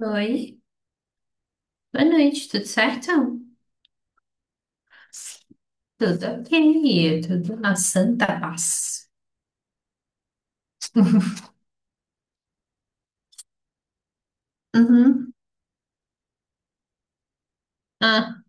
Oi, boa noite, tudo certo? Tudo ok, tudo na santa paz. Uhum. Ah,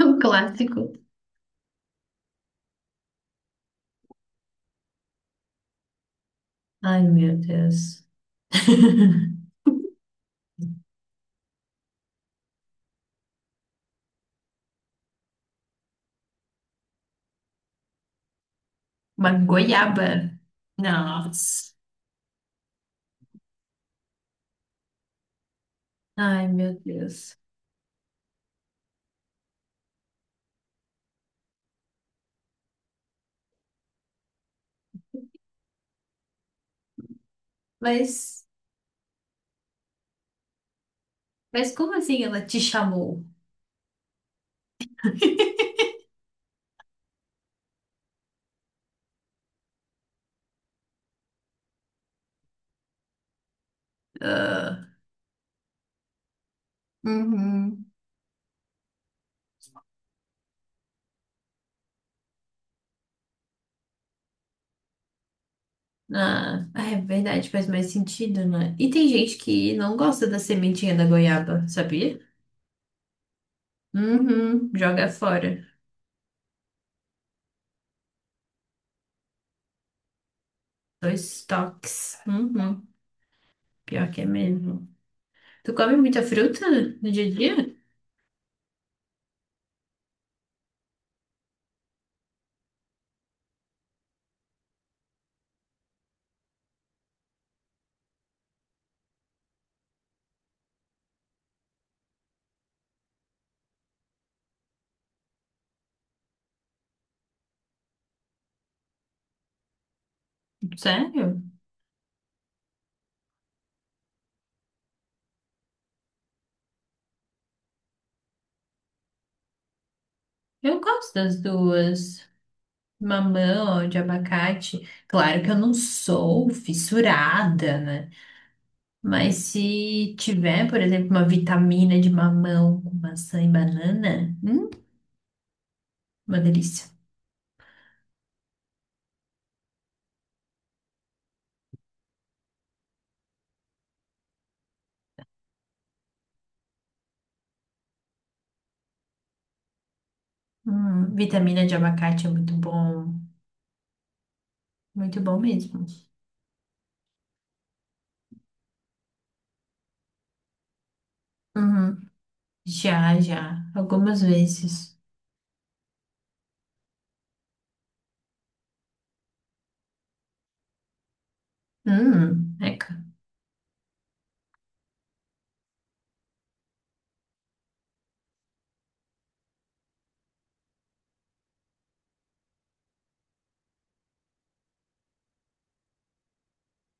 o clássico. Ai, meu Deus. Uma goiaba. Nossa. Ai, meu Deus. Mas, mas como assim ela te chamou? Ah, uhum. Ah, é verdade, faz mais sentido, né? E tem gente que não gosta da sementinha da goiaba, sabia? Uhum, joga fora. Dois toques. Uhum, pior que é mesmo. Tu come muita fruta no dia a dia? Sério? Eu gosto das duas. Mamão, de abacate. Claro que eu não sou fissurada, né? Mas se tiver, por exemplo, uma vitamina de mamão com maçã e banana, uma delícia. Vitamina de abacate é muito bom. Muito bom mesmo. Uhum. Já, já. Algumas vezes. Eca.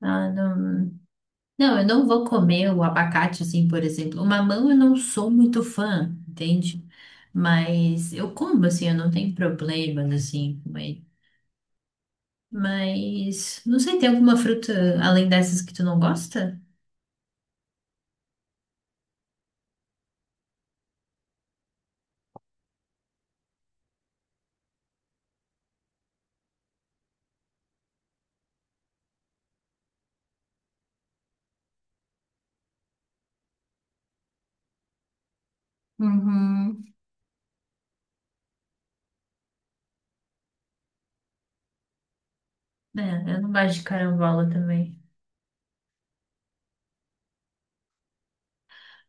Ah, não. Não, eu não vou comer o abacate assim, por exemplo. O mamão eu não sou muito fã, entende? Mas eu como assim, eu não tenho problemas assim com ele. Mas não sei, tem alguma fruta além dessas que tu não gosta? Uhum. É, eu não gosto de carambola também.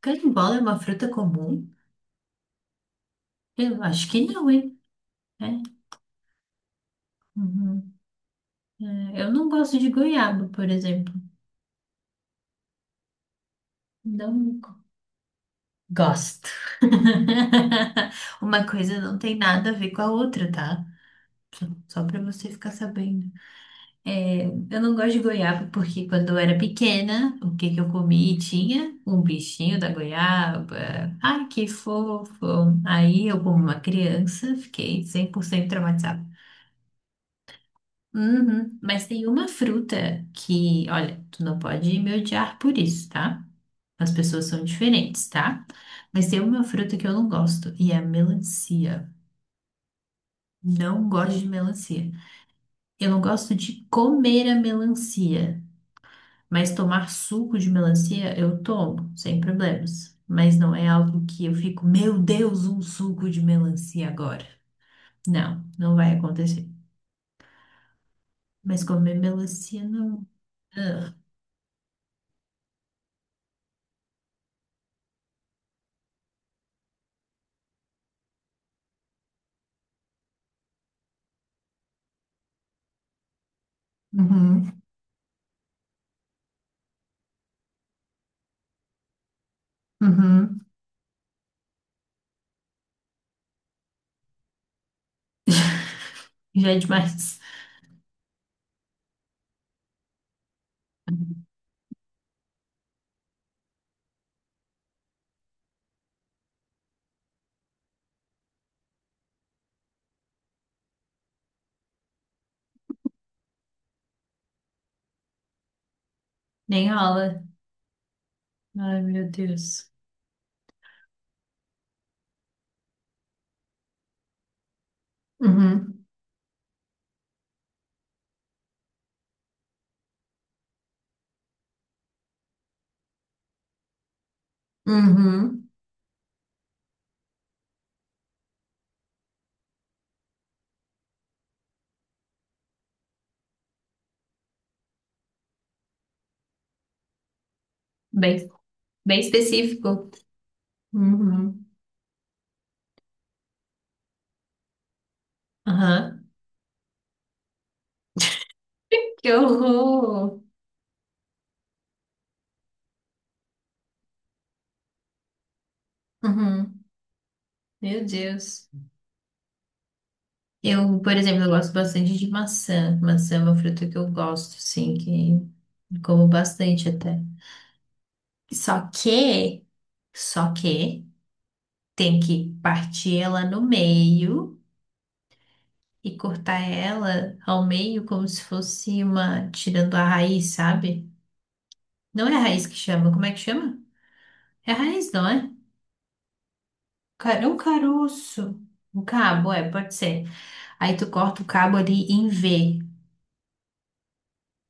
Carambola é uma fruta comum? Eu acho que não, hein? É. Uhum. É, eu não gosto de goiaba, por exemplo. Não gosto. Uma coisa não tem nada a ver com a outra, tá? Só pra você ficar sabendo. É, eu não gosto de goiaba porque quando eu era pequena, o que que eu comi tinha um bichinho da goiaba. Ai, que fofo. Aí eu, como uma criança, fiquei 100% traumatizada. Uhum. Mas tem uma fruta que, olha, tu não pode me odiar por isso, tá? As pessoas são diferentes, tá? Mas tem uma fruta que eu não gosto e é a melancia. Não gosto de melancia. Eu não gosto de comer a melancia, mas tomar suco de melancia eu tomo, sem problemas. Mas não é algo que eu fico, meu Deus, um suco de melancia agora. Não, não vai acontecer. Mas comer melancia não. Ugh. Uhum, uhum. Já é demais. Nem rola. Ai, meu Deus. Uhum. Uhum. Bem, bem específico. Uhum. Aham. Que horror. Uhum. Meu Deus. Eu, por exemplo, eu gosto bastante de maçã. Maçã é uma fruta que eu gosto, sim, que como bastante até. Só que, só que tem que partir ela no meio e cortar ela ao meio como se fosse uma, tirando a raiz, sabe? Não é a raiz que chama, como é que chama? É a raiz, não é? Cara- Um caroço. Um cabo, é, pode ser. Aí tu corta o cabo ali em V.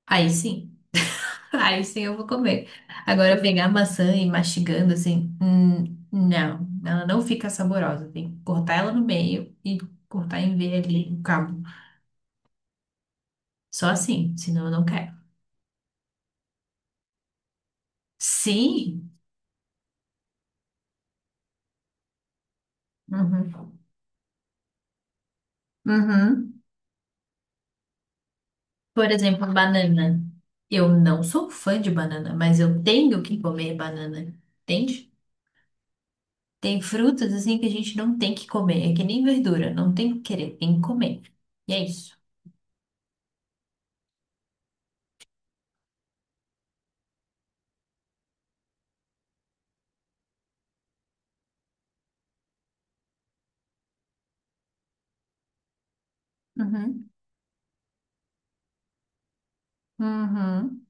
Aí sim. Aí sim eu vou comer. Agora pegar a maçã e ir mastigando assim, não, ela não fica saborosa. Tem que cortar ela no meio e cortar em V ali o cabo. Só assim, senão eu não quero. Sim. Uhum. Uhum. Por exemplo, banana. Eu não sou fã de banana, mas eu tenho que comer banana. Entende? Tem frutas assim que a gente não tem que comer, é que nem verdura, não tem que querer, tem que comer. E é isso. Uhum. Uhum.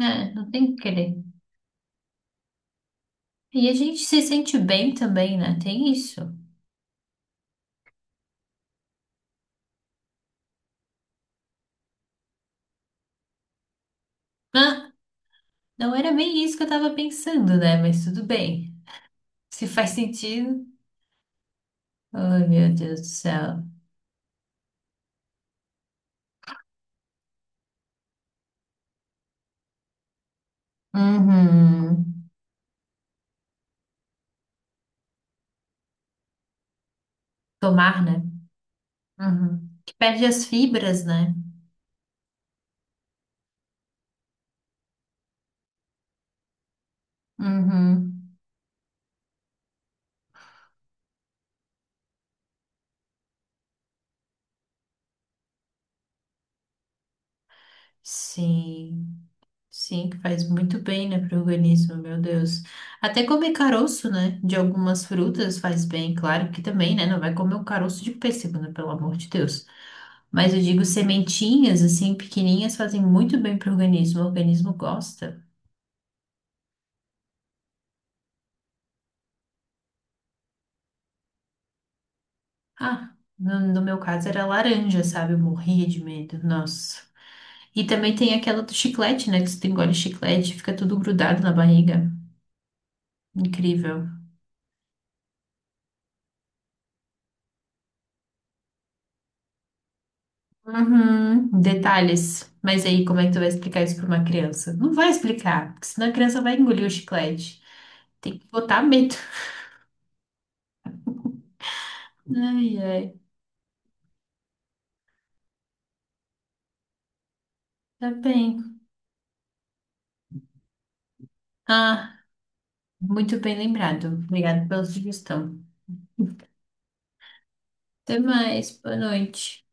É, não tem que querer. E a gente se sente bem também, né? Tem isso. Ah, não era bem isso que eu tava pensando, né? Mas tudo bem. Se faz sentido. Ai, meu Deus do céu. Uhum. Tomar, né? Uhum. Que perde as fibras, né? Uhum. Sim. Sim, que faz muito bem, né, para o organismo, meu Deus. Até comer caroço, né, de algumas frutas faz bem, claro que também, né, não vai comer o caroço de pêssego, né, pelo amor de Deus. Mas eu digo sementinhas, assim, pequenininhas, fazem muito bem para o organismo gosta. Ah, no meu caso era laranja, sabe, eu morria de medo, nossa. E também tem aquela do chiclete, né, que você engole chiclete, fica tudo grudado na barriga. Incrível. Uhum, detalhes. Mas aí, como é que tu vai explicar isso pra uma criança? Não vai explicar, porque senão a criança vai engolir o chiclete. Tem que botar medo. Ai, ai. Tá bem. Ah, muito bem lembrado. Obrigada pela sugestão. Até mais. Boa noite.